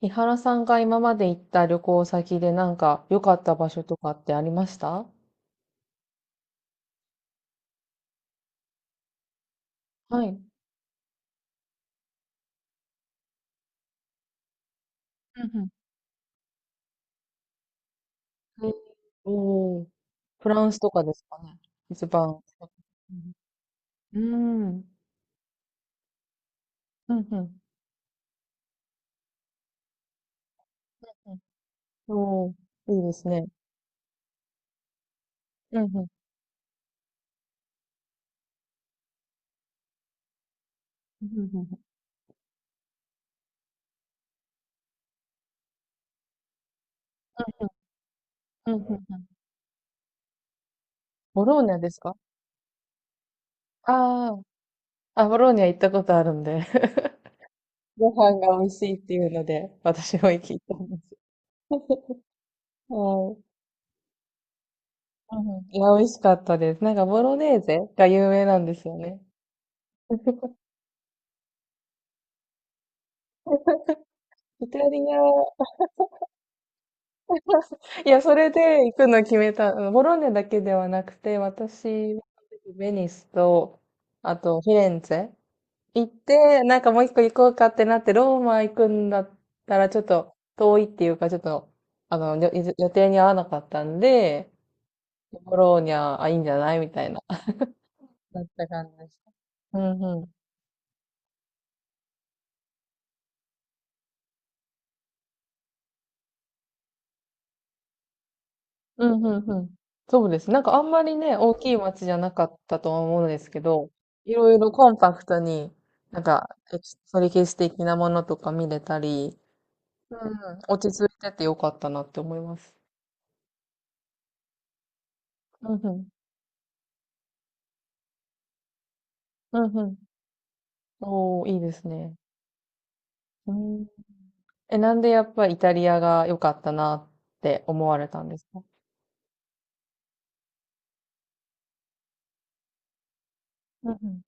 伊原さんが今まで行った旅行先でなんか良かった場所とかってありました？はい。うんうんおー、フランスとかですかね。一番。うん。うん。うんうんうんおー、いいですね。うんうん。うんうんうんうんうんうんボローニャですか？ああー、あ、ボローニャ行ったことあるんで。ご飯が美味しいっていうので、私も行きたんです。はい。うんうん、いや、美味しかったです。なんかボロネーゼが有名なんですよね。イタリア、いや、それで行くの決めた。ボローニャだけではなくて、私はベニスと、あとフィレンツェ行って、なんかもう一個行こうかってなって、ローマ行くんだったらちょっと遠いっていうか、ちょっと、あの、よ予定に合わなかったんで、ボローニャ、あ、いいんじゃないみたいな、なった感じでした。うんうんうん、うんうん。そうです。なんかあんまりね、大きい街じゃなかったとは思うんですけど、いろいろコンパクトに、なんか、エキそれ歴史的なものとか見れたり、うん、うん、落ち着いててよかったなって思います。うんうん。うんうん。おー、いいですね。うん。え、なんでやっぱイタリアが良かったなって思われたんですか？うん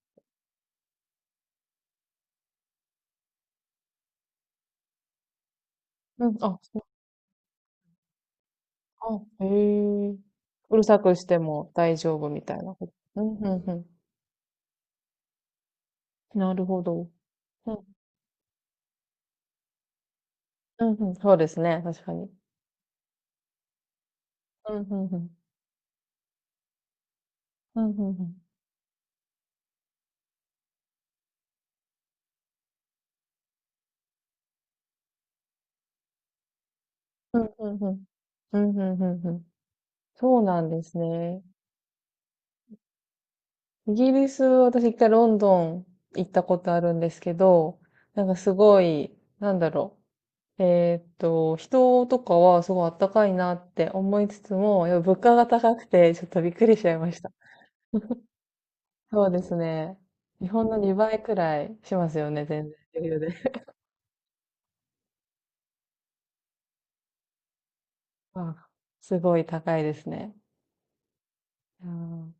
うん。うん、あ、そう、あ、へえ。うるさくしても大丈夫みたいなこと。うんうんうん。なるほど。うん、うん、そうですね、確かに。うん、うんうん。うん、うんうん。うん、うんうん。うん、んうんうん。そうなんですね。イギリス、私一回ロンドン行ったことあるんですけど、なんかすごい、なんだろう。人とかはすごいあったかいなって思いつつも、やっぱ物価が高くてちょっとびっくりしちゃいました。そうですね。日本の2倍くらいしますよね、全然余裕で。あ、すごい高いですね。うん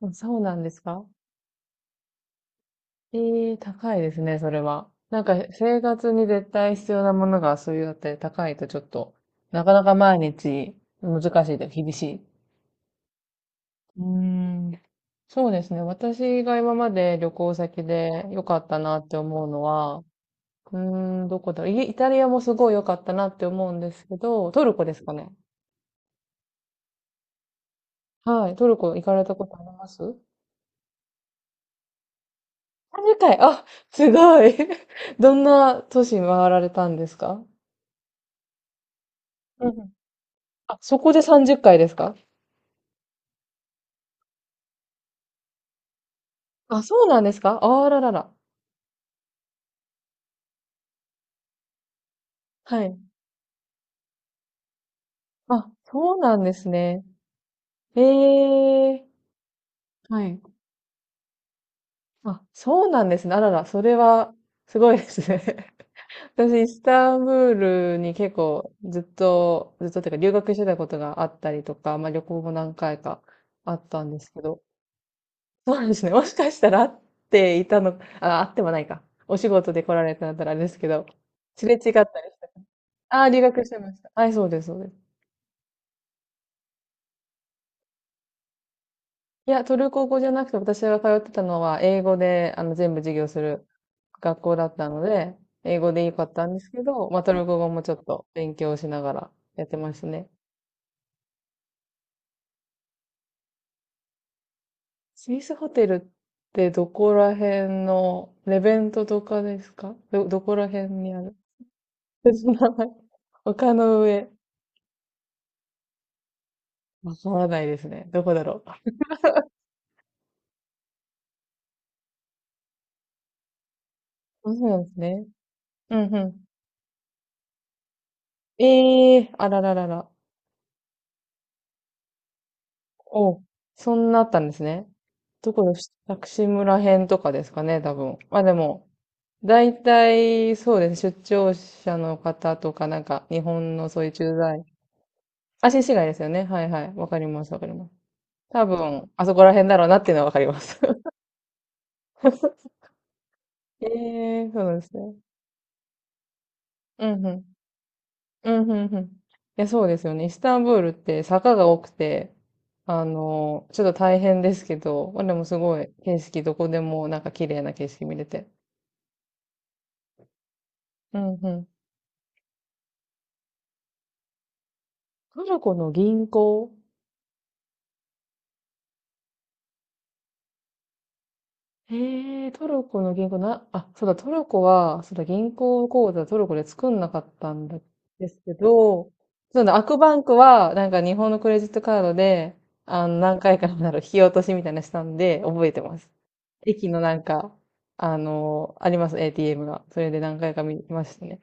うん、そうなんですか？ええ、高いですね、それは。なんか生活に絶対必要なものがそういうのって高いとちょっと、なかなか毎日難しいと厳しい。うーん。そうですね。私が今まで旅行先で良かったなって思うのは、うーん、どこだろう。タリアもすごい良かったなって思うんですけど、トルコですかね。はい。トルコ行かれたことあります？あ、回。あ、すごい。どんな都市回られたんですか？うん、あ、そこで30回ですか？あ、そうなんですか、あららら。はい。あ、そうなんですね。ええ、はい。あ、そうなんですね。あらら、それは、すごいですね。私、イスタンブールに結構、ずっとっていうか、留学してたことがあったりとか、まあ旅行も何回かあったんですけど、そうなんですね。もしかしたら会っていたの、あ、会ってもないか。お仕事で来られたんだったらあれですけど、すれ違ったりした。ああ、留学してました。はい、そうです、そうです。いや、トルコ語じゃなくて、私が通ってたのは、英語で、全部授業する学校だったので、英語で良かったんですけど、まあ、トルコ語もちょっと勉強しながらやってましたね。スイスホテルってどこら辺の、レベントとかですか、ど、どこら辺にある別の名前？ 丘の上。わからないですね。どこだろう。あ、そうなんですね。うんうん。ええーあらららら。お、そんなあったんですね。どこでし薬師村編とかですかね、多分。まあでも、大体、そうですね。出張者の方とか、なんか、日本のそういう駐在。あ、新市街ですよね。はいはい。わかります、わかります。多分、あそこら辺だろうなっていうのはわかります。ええーそうなんですね。うんうん。うん、うん、うん。いや、そうですよね。イスタンブールって坂が多くて、ちょっと大変ですけど、まあ、でもすごい景色、どこでもなんか綺麗な景色見れて。うん、うん。トルコの銀行？へえ、トルコの銀行な、あ、そうだ、トルコは、そうだ、銀行口座トルコで作んなかったんだ、ですけど、そうだ、アクバンクは、なんか日本のクレジットカードで、何回かなる引き落としみたいなのしたんで、覚えてます。駅のなんか、あります、ATM が。それで何回か見ましたね。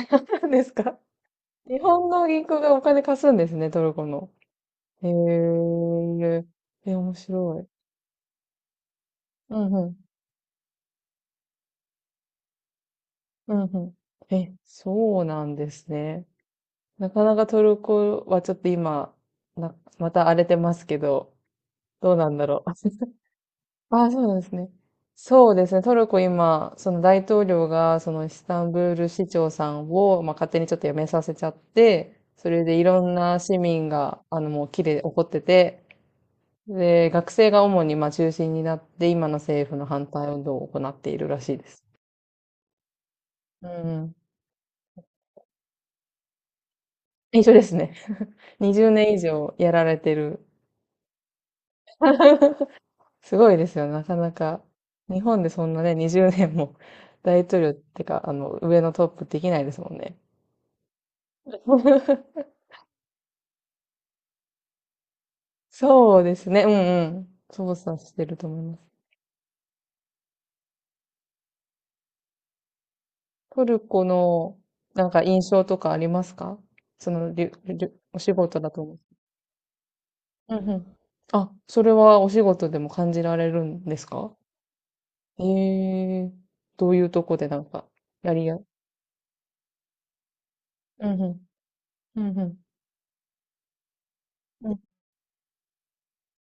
何ですか？日本の銀行がお金貸すんですね、トルコの。へえ、え、面白い。うんうん。うんうん。え、そうなんですね。なかなかトルコはちょっと今、な、また荒れてますけど、どうなんだろう。ああ、そうなんですね。そうですね。トルコ今、その大統領が、そのイスタンブール市長さんを、まあ、勝手にちょっと辞めさせちゃって、それでいろんな市民が、もう起きでこってて、で、学生が主に、まあ、中心になって、今の政府の反対運動を行っているらしいです。うん。一緒ですね。20年以上やられてる。すごいですよね、なかなか。日本でそんなね、20年も 大統領ってか、上のトップできないですもんね。そうですね、うんうん。操作してると思います。トルコの、なんか印象とかありますか？その、りゅ、りゅ、お仕事だと思う。うんうん。あ、それはお仕事でも感じられるんですか？ええー、どういうとこでなんか、やりや、うんうん、うんうん、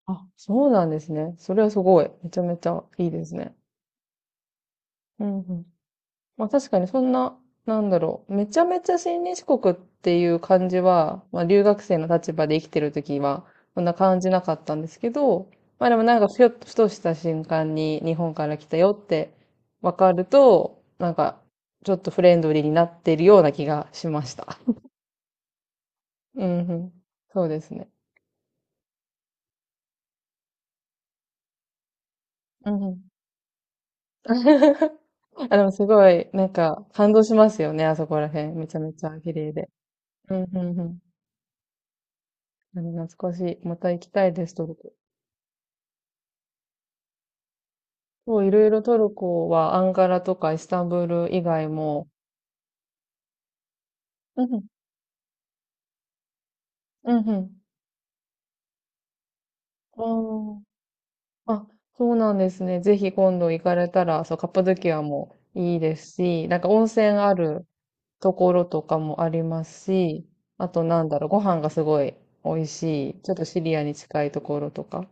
あ、そうなんですね。それはすごい。めちゃめちゃいいですね。うんうん。まあ確かにそんな、なんだろう。めちゃめちゃ親日国っていう感じは、まあ留学生の立場で生きてる時は、そんな感じなかったんですけど、まあでもなんかふよっとふとした瞬間に日本から来たよってわかると、なんかちょっとフレンドリーになってるような気がしました。うんうん。そうですね。うんうん。あ、でもすごい、なんか、感動しますよね、あそこら辺。めちゃめちゃ綺麗で。うん、うん、うん。でも懐かしい。また行きたいです、トルコ。そう、いろいろトルコは、アンカラとかイスタンブール以外も。うん、うん、うんうん。あー、あ、そうなんですね。ぜひ今度行かれたら、そう、カッパドキアもいいですし、なんか温泉あるところとかもありますし、あとなんだろう、ご飯がすごい美味しい、ちょっとシリアに近いところとか、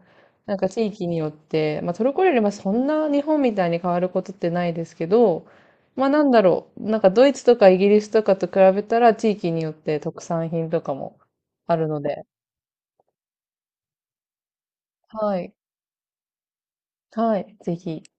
なんか地域によって、まあトルコ料理はそんな日本みたいに変わることってないですけど、まあなんだろう、なんかドイツとかイギリスとかと比べたら地域によって特産品とかもあるので、はい、はい、ぜひ。